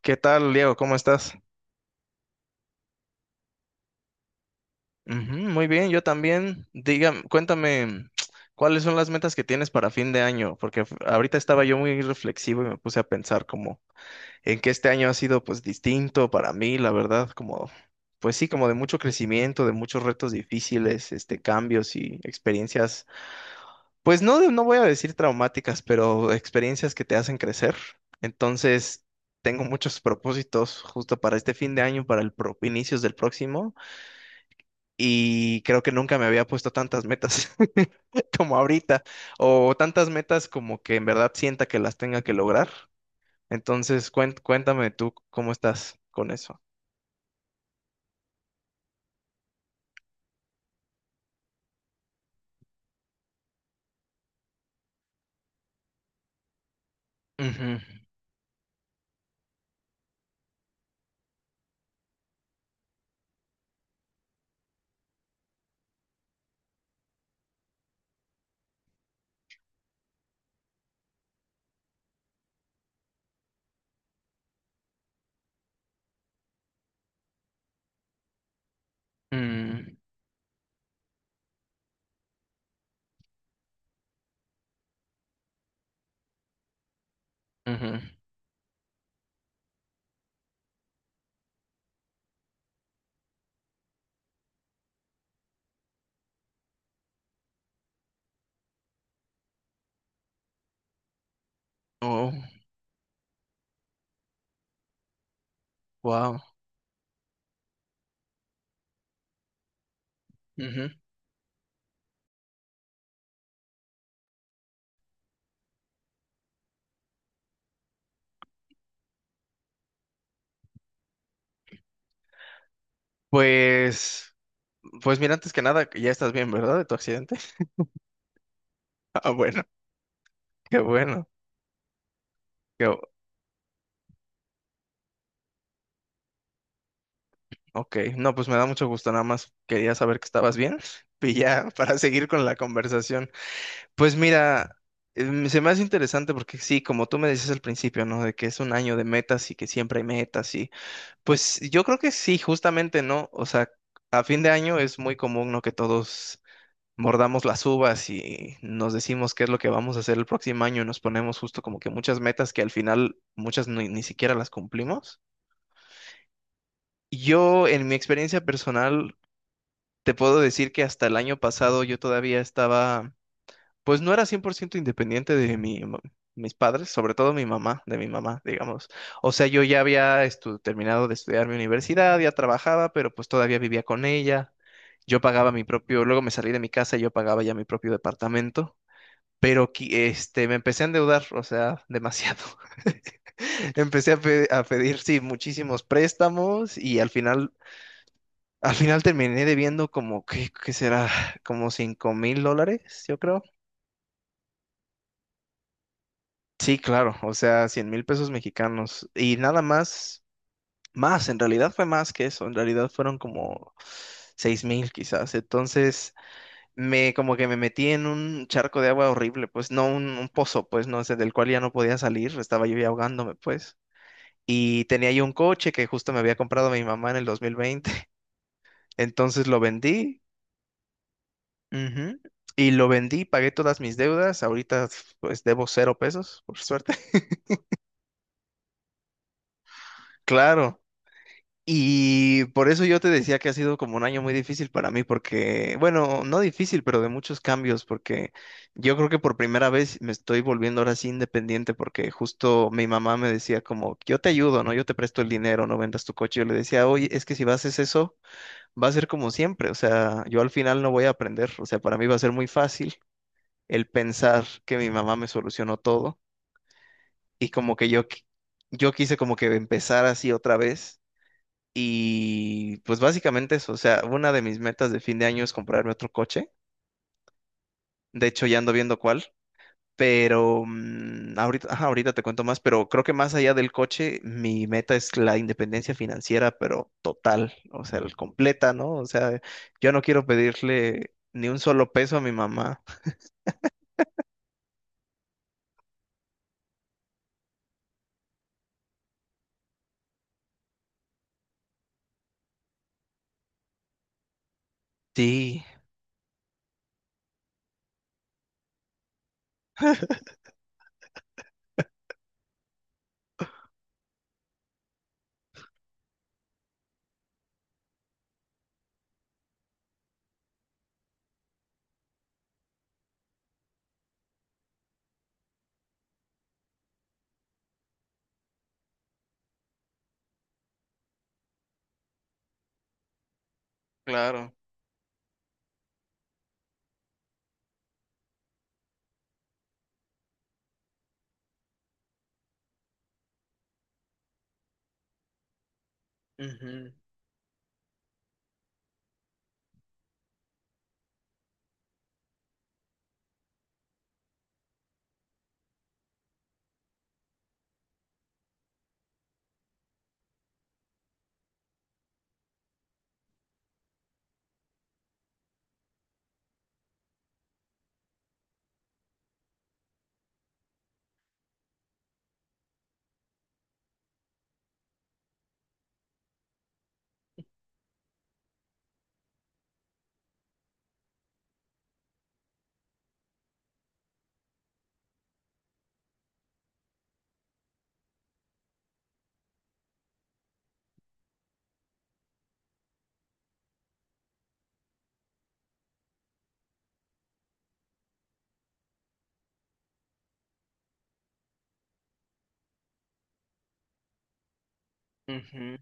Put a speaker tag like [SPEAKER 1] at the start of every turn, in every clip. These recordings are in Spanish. [SPEAKER 1] ¿Qué tal, Diego? ¿Cómo estás? Ujú, muy bien, yo también. Dígame, cuéntame, ¿cuáles son las metas que tienes para fin de año? Porque ahorita estaba yo muy reflexivo y me puse a pensar como en que este año ha sido pues distinto para mí, la verdad, como pues sí, como de mucho crecimiento, de muchos retos difíciles, este, cambios y experiencias, pues no, no voy a decir traumáticas, pero experiencias que te hacen crecer. Entonces, tengo muchos propósitos justo para este fin de año, para inicios del próximo. Y creo que nunca me había puesto tantas metas como ahorita, o tantas metas como que en verdad sienta que las tenga que lograr. Entonces, cuéntame tú cómo estás con eso. Ujú, mm, ujú. Oh, wow. Ujú. Pues, pues mira, antes que nada, ya estás bien, ¿verdad? De tu accidente. Ah, bueno, qué bueno. Qué, bu- ok, no, pues me da mucho gusto, nada más quería saber que estabas bien y ya para seguir con la conversación. Pues mira, se me hace interesante porque sí, como tú me decías al principio, ¿no? De que es un año de metas y que siempre hay metas y pues yo creo que sí, justamente, ¿no? O sea, a fin de año es muy común, ¿no? Que todos mordamos las uvas y nos decimos qué es lo que vamos a hacer el próximo año y nos ponemos justo como que muchas metas que al final muchas ni siquiera las cumplimos. Yo en mi experiencia personal te puedo decir que hasta el año pasado yo todavía estaba. Pues no era 100% independiente de mis padres, sobre todo mi mamá, de mi mamá, digamos. O sea, yo ya había terminado de estudiar mi universidad, ya trabajaba, pero pues todavía vivía con ella. Yo pagaba mi propio, luego me salí de mi casa y yo pagaba ya mi propio departamento, pero este, me empecé a endeudar, o sea, demasiado. Empecé a pedir, sí, muchísimos préstamos y al final terminé debiendo como, ¿qué será? Como $5,000, yo creo. Sí, claro, o sea, 100,000 pesos mexicanos y nada más, en realidad fue más que eso, en realidad fueron como 6,000 quizás, entonces me como que me metí en un charco de agua horrible, pues no un pozo, pues no sé, del cual ya no podía salir, estaba yo ya ahogándome, pues, y tenía yo un coche que justo me había comprado mi mamá en el 2020. Entonces lo vendí. Ujú. Y lo vendí, pagué todas mis deudas, ahorita pues debo cero pesos, por suerte. Claro. Y por eso yo te decía que ha sido como un año muy difícil para mí, porque, bueno, no difícil, pero de muchos cambios, porque yo creo que por primera vez me estoy volviendo ahora sí independiente, porque justo mi mamá me decía como, yo te ayudo, ¿no? Yo te presto el dinero, no vendas tu coche. Yo le decía, oye, es que si vas a hacer eso, va a ser como siempre, o sea, yo al final no voy a aprender, o sea, para mí va a ser muy fácil el pensar que mi mamá me solucionó todo y como que yo quise como que empezar así otra vez y pues básicamente eso, o sea, una de mis metas de fin de año es comprarme otro coche. De hecho, ya ando viendo cuál, pero ajá, ahorita te cuento más, pero creo que más allá del coche, mi meta es la independencia financiera, pero total, o sea, el completa, ¿no? O sea, yo no quiero pedirle ni un solo peso a mi mamá. Sí, claro. Ujú, ujú.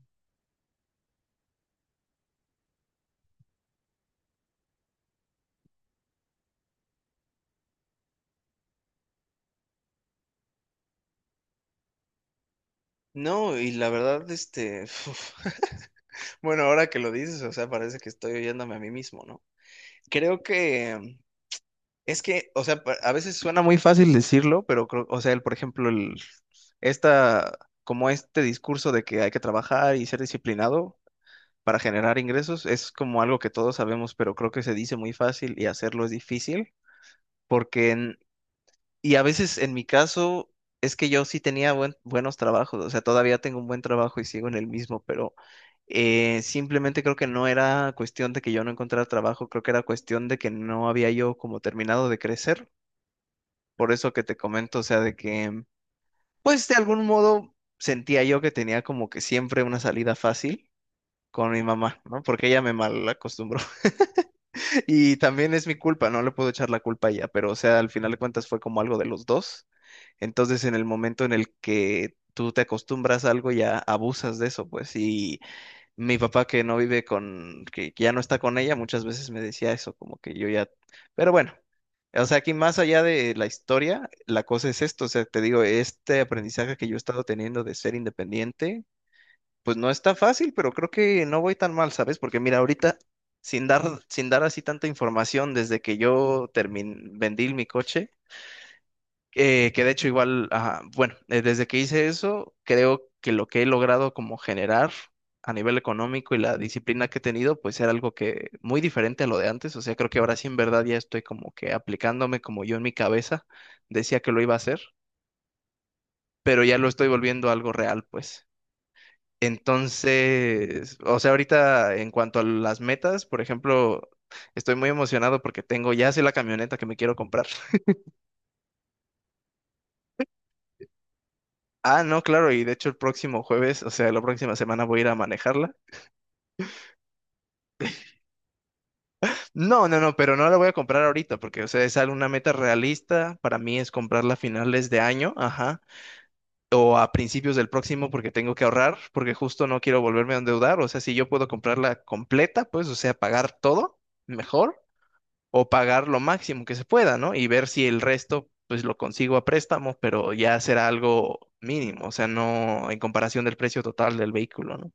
[SPEAKER 1] No, y la verdad, este, bueno, ahora que lo dices, o sea, parece que estoy oyéndome a mí mismo, ¿no? Creo que es que, o sea, a veces suena muy fácil decirlo, pero creo, o sea, por ejemplo, esta, como este discurso de que hay que trabajar y ser disciplinado para generar ingresos es como algo que todos sabemos, pero creo que se dice muy fácil y hacerlo es difícil, porque y a veces en mi caso es que yo sí tenía buenos trabajos, o sea, todavía tengo un buen trabajo y sigo en el mismo, pero simplemente creo que no era cuestión de que yo no encontrara trabajo, creo que era cuestión de que no había yo como terminado de crecer. Por eso que te comento, o sea, de que, pues de algún modo sentía yo que tenía como que siempre una salida fácil con mi mamá, ¿no? Porque ella me mal acostumbró. Y también es mi culpa, no le puedo echar la culpa a ella, pero o sea, al final de cuentas fue como algo de los dos. Entonces, en el momento en el que tú te acostumbras a algo, ya abusas de eso, pues. Y mi papá que no vive con, que ya no está con ella, muchas veces me decía eso, como que yo ya, pero bueno. O sea, aquí más allá de la historia, la cosa es esto, o sea, te digo, este aprendizaje que yo he estado teniendo de ser independiente, pues no está fácil, pero creo que no voy tan mal, ¿sabes? Porque mira, ahorita, sin dar así tanta información, desde que yo terminé, vendí mi coche, que de hecho igual, ajá, bueno, desde que hice eso, creo que lo que he logrado como generar a nivel económico y la disciplina que he tenido, pues era algo que muy diferente a lo de antes. O sea, creo que ahora sí en verdad ya estoy como que aplicándome como yo en mi cabeza decía que lo iba a hacer, pero ya lo estoy volviendo algo real, pues. Entonces, o sea, ahorita en cuanto a las metas, por ejemplo, estoy muy emocionado porque tengo, ya sé la camioneta que me quiero comprar. Ah, no, claro, y de hecho el próximo jueves, o sea, la próxima semana voy a ir a manejarla. No, no, no, pero no la voy a comprar ahorita porque, o sea, es una meta realista. Para mí es comprarla a finales de año, ajá, o a principios del próximo porque tengo que ahorrar, porque justo no quiero volverme a endeudar. O sea, si yo puedo comprarla completa, pues, o sea, pagar todo mejor o pagar lo máximo que se pueda, ¿no? Y ver si el resto, pues, lo consigo a préstamo, pero ya será algo mínimo, o sea, no en comparación del precio total del vehículo, ¿no?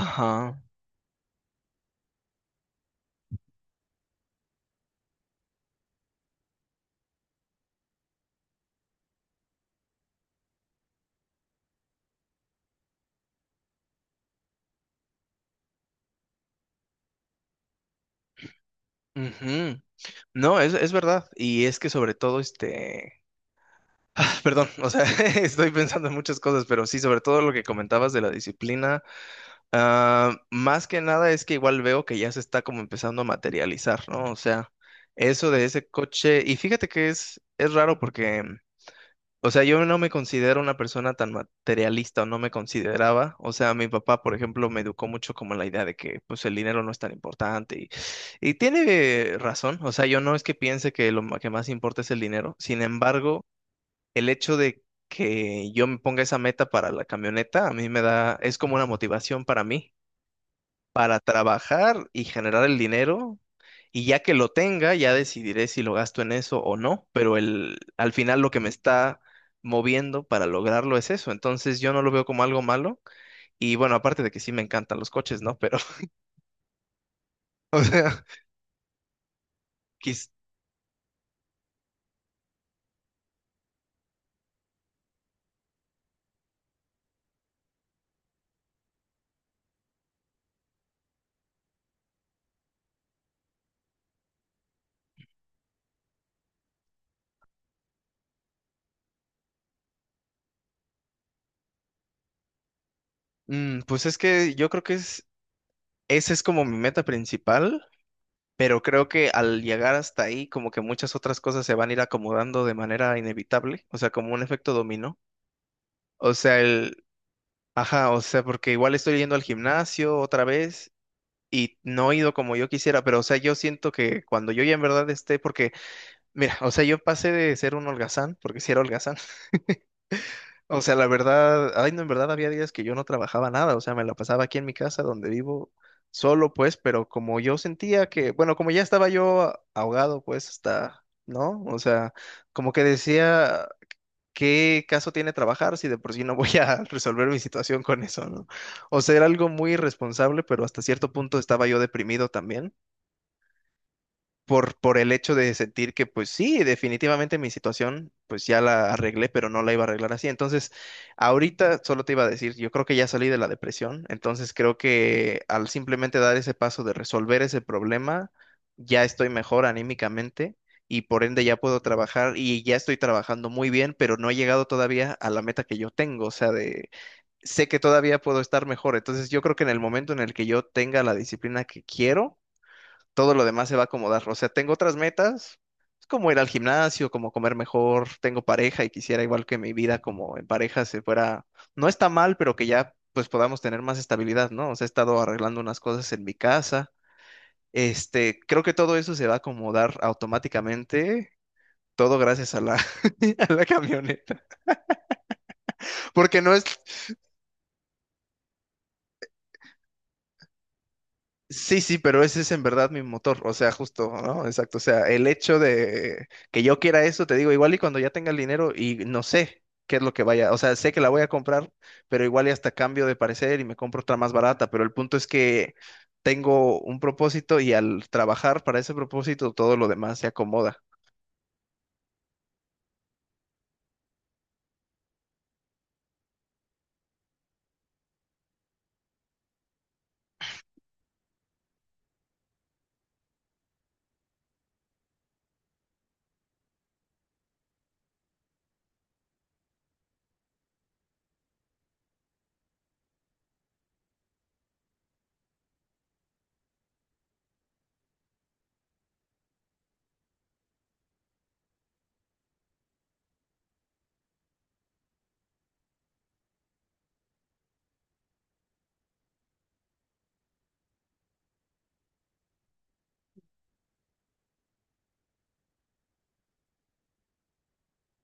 [SPEAKER 1] Ajá. Ujú. No, es verdad. Y es que sobre todo, este, perdón, o sea, estoy pensando en muchas cosas, pero sí, sobre todo lo que comentabas de la disciplina, más que nada es que igual veo que ya se está como empezando a materializar, ¿no? O sea, eso de ese coche, y fíjate que es raro porque o sea, yo no me considero una persona tan materialista o no me consideraba. O sea, mi papá, por ejemplo, me educó mucho como en la idea de que pues el dinero no es tan importante y tiene razón. O sea, yo no es que piense que que más importa es el dinero. Sin embargo, el hecho de que yo me ponga esa meta para la camioneta, a mí me da, es como una motivación para mí para trabajar y generar el dinero. Y ya que lo tenga, ya decidiré si lo gasto en eso o no. Pero al final lo que me está moviendo para lograrlo es eso. Entonces yo no lo veo como algo malo. Y bueno, aparte de que sí me encantan los coches, ¿no? Pero, o sea, quis- pues es que yo creo que esa es como mi meta principal. Pero creo que al llegar hasta ahí, como que muchas otras cosas se van a ir acomodando de manera inevitable. O sea, como un efecto dominó. O sea, ajá, o sea, porque igual estoy yendo al gimnasio otra vez y no he ido como yo quisiera, pero o sea, yo siento que cuando yo ya en verdad esté, porque, mira, o sea, yo pasé de ser un holgazán, porque sí era holgazán, o sea, la verdad, ay, no, en verdad había días que yo no trabajaba nada, o sea, me la pasaba aquí en mi casa donde vivo solo, pues, pero como yo sentía que, bueno, como ya estaba yo ahogado, pues, hasta, ¿no? O sea, como que decía, ¿qué caso tiene trabajar si de por sí no voy a resolver mi situación con eso, ¿no? O sea, era algo muy irresponsable, pero hasta cierto punto estaba yo deprimido también por el hecho de sentir que, pues sí, definitivamente mi situación, pues ya la arreglé, pero no la iba a arreglar así. Entonces, ahorita solo te iba a decir, yo creo que ya salí de la depresión, entonces creo que al simplemente dar ese paso de resolver ese problema, ya estoy mejor anímicamente. Y por ende ya puedo trabajar y ya estoy trabajando muy bien, pero no he llegado todavía a la meta que yo tengo, o sea, de, sé que todavía puedo estar mejor. Entonces yo creo que en el momento en el que yo tenga la disciplina que quiero, todo lo demás se va a acomodar. O sea, tengo otras metas, es como ir al gimnasio, como comer mejor, tengo pareja y quisiera igual que mi vida como en pareja se fuera, no está mal, pero que ya pues podamos tener más estabilidad, ¿no? O sea, he estado arreglando unas cosas en mi casa. Este, creo que todo eso se va a acomodar automáticamente, todo gracias a la, a la camioneta, porque no es. Sí, sí, pero ese es en verdad mi motor, o sea, justo, ¿no? Exacto, o sea, el hecho de que yo quiera eso, te digo, igual y cuando ya tenga el dinero y no sé qué es lo que vaya, o sea, sé que la voy a comprar, pero igual y hasta cambio de parecer y me compro otra más barata, pero el punto es que tengo un propósito y al trabajar para ese propósito todo lo demás se acomoda.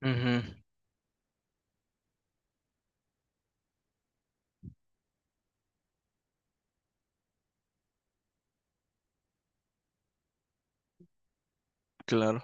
[SPEAKER 1] Ujú, claro.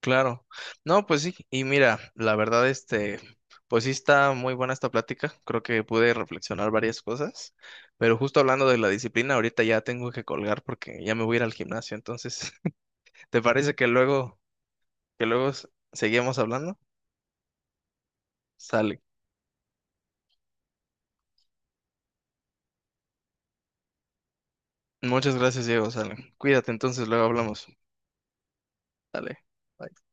[SPEAKER 1] Claro. No, pues sí. Y mira, la verdad, este, pues sí está muy buena esta plática. Creo que pude reflexionar varias cosas. Pero justo hablando de la disciplina, ahorita ya tengo que colgar porque ya me voy a ir al gimnasio. Entonces, ¿te parece que luego seguimos hablando? Sale. Muchas gracias, Diego. Sale. Cuídate, entonces luego hablamos. Sale. Bye.